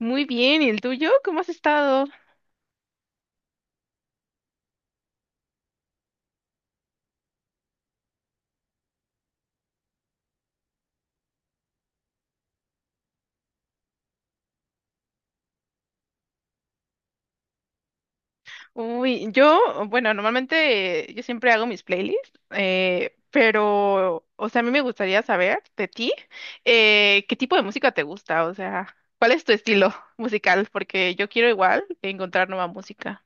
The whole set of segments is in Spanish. Muy bien, ¿y el tuyo? ¿Cómo has estado? Uy, yo, bueno, normalmente yo siempre hago mis playlists, pero, o sea, a mí me gustaría saber de ti, ¿qué tipo de música te gusta? O sea, ¿cuál es tu estilo musical? Porque yo quiero igual encontrar nueva música.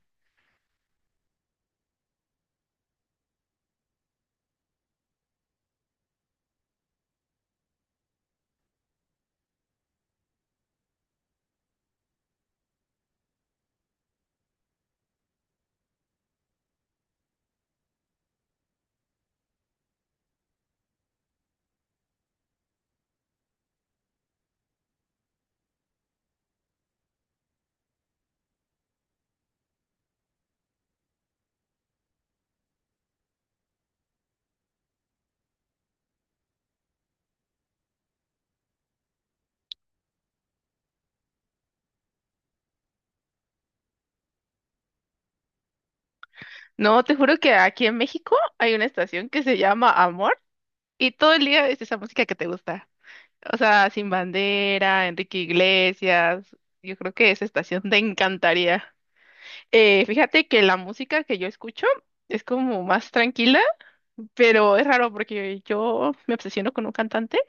No, te juro que aquí en México hay una estación que se llama Amor y todo el día es esa música que te gusta. O sea, Sin Bandera, Enrique Iglesias, yo creo que esa estación te encantaría. Fíjate que la música que yo escucho es como más tranquila, pero es raro porque yo me obsesiono con un cantante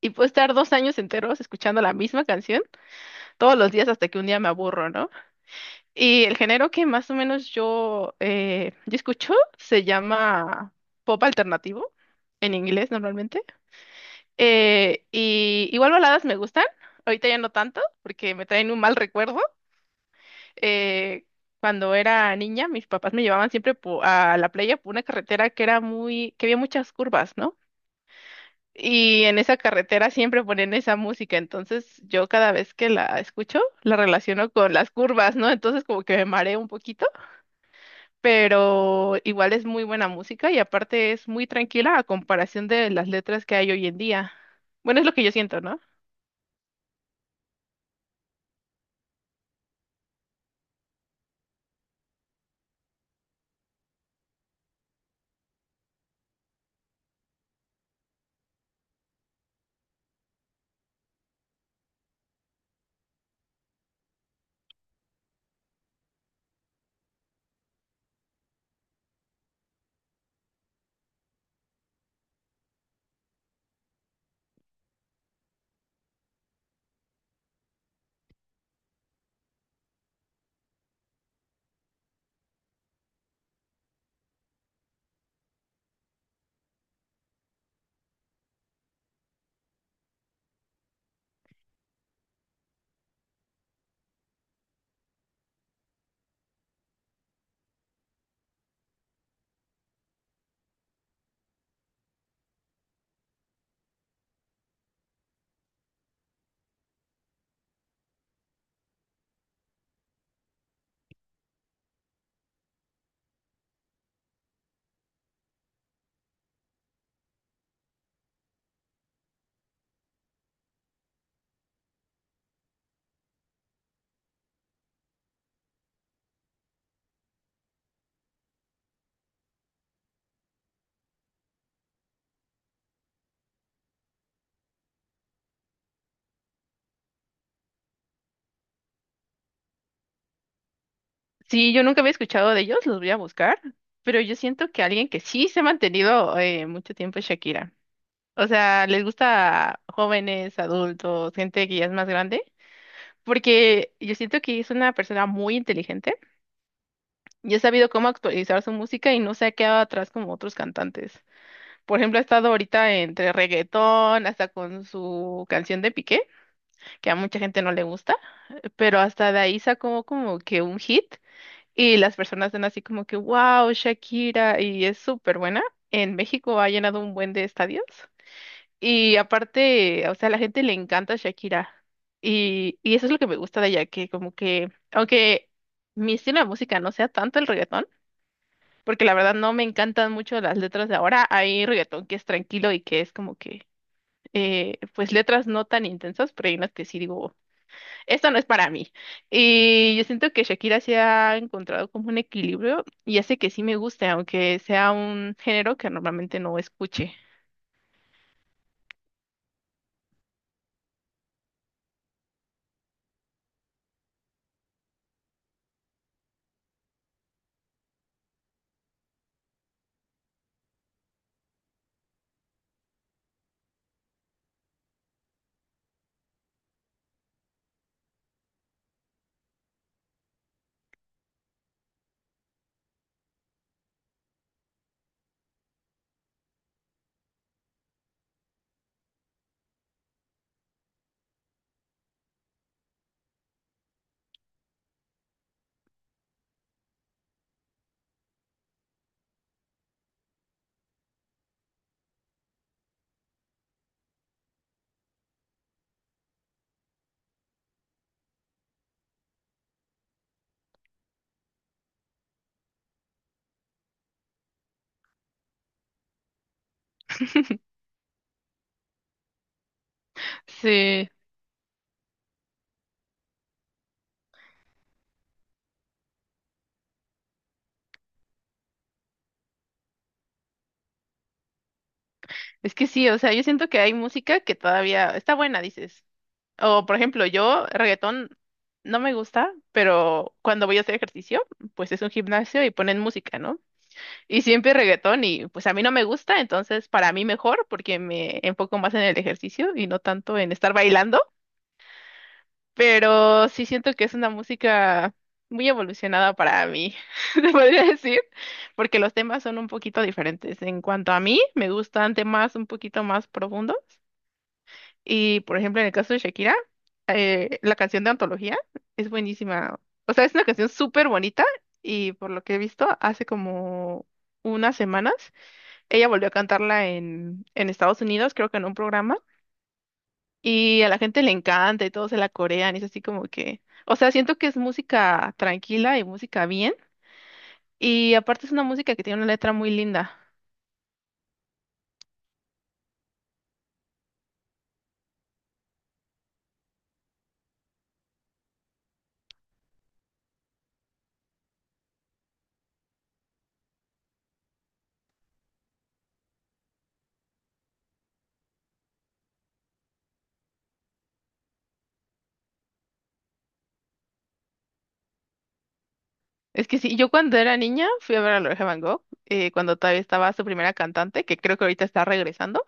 y puedo estar 2 años enteros escuchando la misma canción todos los días hasta que un día me aburro, ¿no? Y el género que más o menos yo escucho se llama pop alternativo, en inglés normalmente. Y igual baladas me gustan, ahorita ya no tanto porque me traen un mal recuerdo. eh, Cuando era niña, mis papás me llevaban siempre a la playa por una carretera que había muchas curvas, ¿no? Y en esa carretera siempre ponían esa música, entonces yo cada vez que la escucho la relaciono con las curvas, ¿no? Entonces como que me mareo un poquito, pero igual es muy buena música y aparte es muy tranquila a comparación de las letras que hay hoy en día. Bueno, es lo que yo siento, ¿no? Sí, yo nunca había escuchado de ellos, los voy a buscar, pero yo siento que alguien que sí se ha mantenido mucho tiempo es Shakira. O sea, les gusta jóvenes, adultos, gente que ya es más grande, porque yo siento que es una persona muy inteligente y ha sabido cómo actualizar su música y no se ha quedado atrás como otros cantantes. Por ejemplo, ha estado ahorita entre reggaetón, hasta con su canción de Piqué, que a mucha gente no le gusta, pero hasta de ahí sacó como que un hit. Y las personas dan así como que, wow, Shakira, y es súper buena. En México ha llenado un buen de estadios. Y aparte, o sea, a la gente le encanta Shakira. Y eso es lo que me gusta de ella, que como que, aunque mi estilo de música no sea tanto el reggaetón, porque la verdad no me encantan mucho las letras de ahora, hay reggaetón que es tranquilo y que es como que, pues letras no tan intensas, pero hay unas que sí digo esto no es para mí. Y yo siento que Shakira se ha encontrado como un equilibrio y hace que sí me guste, aunque sea un género que normalmente no escuche. Sí, es que sí, o sea, yo siento que hay música que todavía está buena, dices. O por ejemplo, yo reggaetón no me gusta, pero cuando voy a hacer ejercicio, pues es un gimnasio y ponen música, ¿no? Y siempre reggaetón y pues a mí no me gusta, entonces para mí mejor porque me enfoco más en el ejercicio y no tanto en estar bailando. Pero sí siento que es una música muy evolucionada para mí, se podría decir, porque los temas son un poquito diferentes. En cuanto a mí, me gustan temas un poquito más profundos y, por ejemplo, en el caso de Shakira, la canción de Antología es buenísima. O sea, es una canción súper bonita y por lo que he visto, hace como unas semanas, ella volvió a cantarla en Estados Unidos, creo que en un programa. Y a la gente le encanta y todos se la corean, y es así como que, o sea, siento que es música tranquila y música bien, y aparte es una música que tiene una letra muy linda. Es que sí, yo cuando era niña fui a ver a Loreja Van Gogh, cuando todavía estaba su primera cantante, que creo que ahorita está regresando,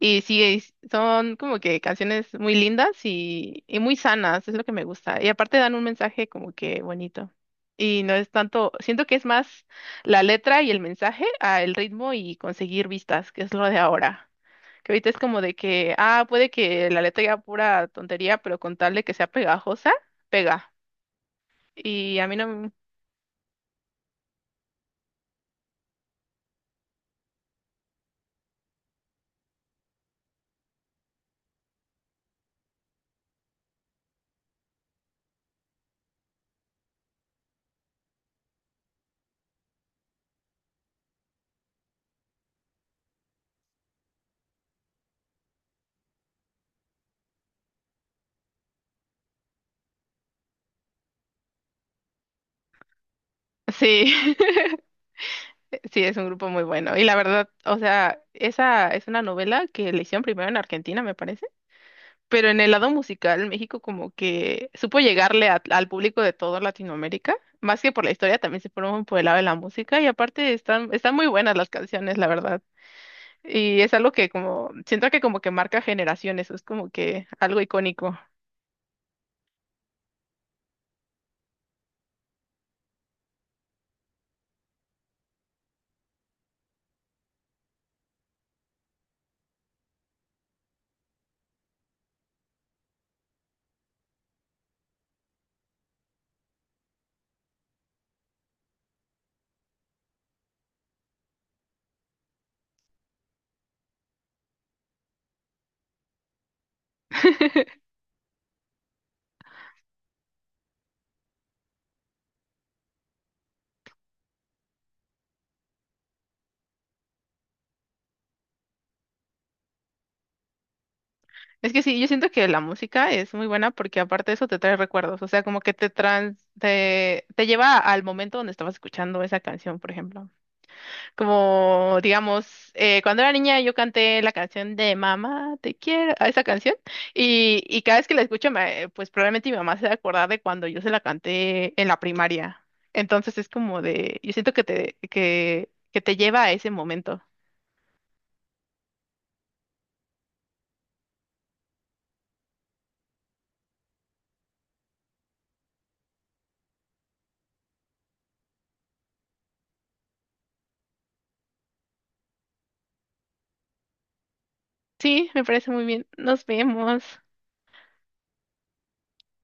y sí, son como que canciones muy lindas y muy sanas, es lo que me gusta, y aparte dan un mensaje como que bonito. Y no es tanto, siento que es más la letra y el mensaje a el ritmo y conseguir vistas, que es lo de ahora. Que ahorita es como de que, ah, puede que la letra diga pura tontería, pero con tal de que sea pegajosa, pega. Y a mí no... m- Sí, sí, es un grupo muy bueno. Y la verdad, o sea, esa es una novela que le hicieron primero en Argentina, me parece. Pero en el lado musical, México como que supo llegarle al público de toda Latinoamérica. Más que por la historia, también se fueron por el lado de la música. Y aparte están muy buenas las canciones, la verdad. Y es algo que como, siento que como que marca generaciones, es como que algo icónico. Es que sí, yo siento que la música es muy buena porque aparte de eso te trae recuerdos, o sea, como que te lleva al momento donde estabas escuchando esa canción, por ejemplo. Como, digamos, cuando era niña yo canté la canción de Mamá, te quiero, a esa canción, y cada vez que la escucho, pues probablemente mi mamá se va a acordar de cuando yo se la canté en la primaria. Entonces es como de, yo siento que que te lleva a ese momento. Sí, me parece muy bien. Nos vemos.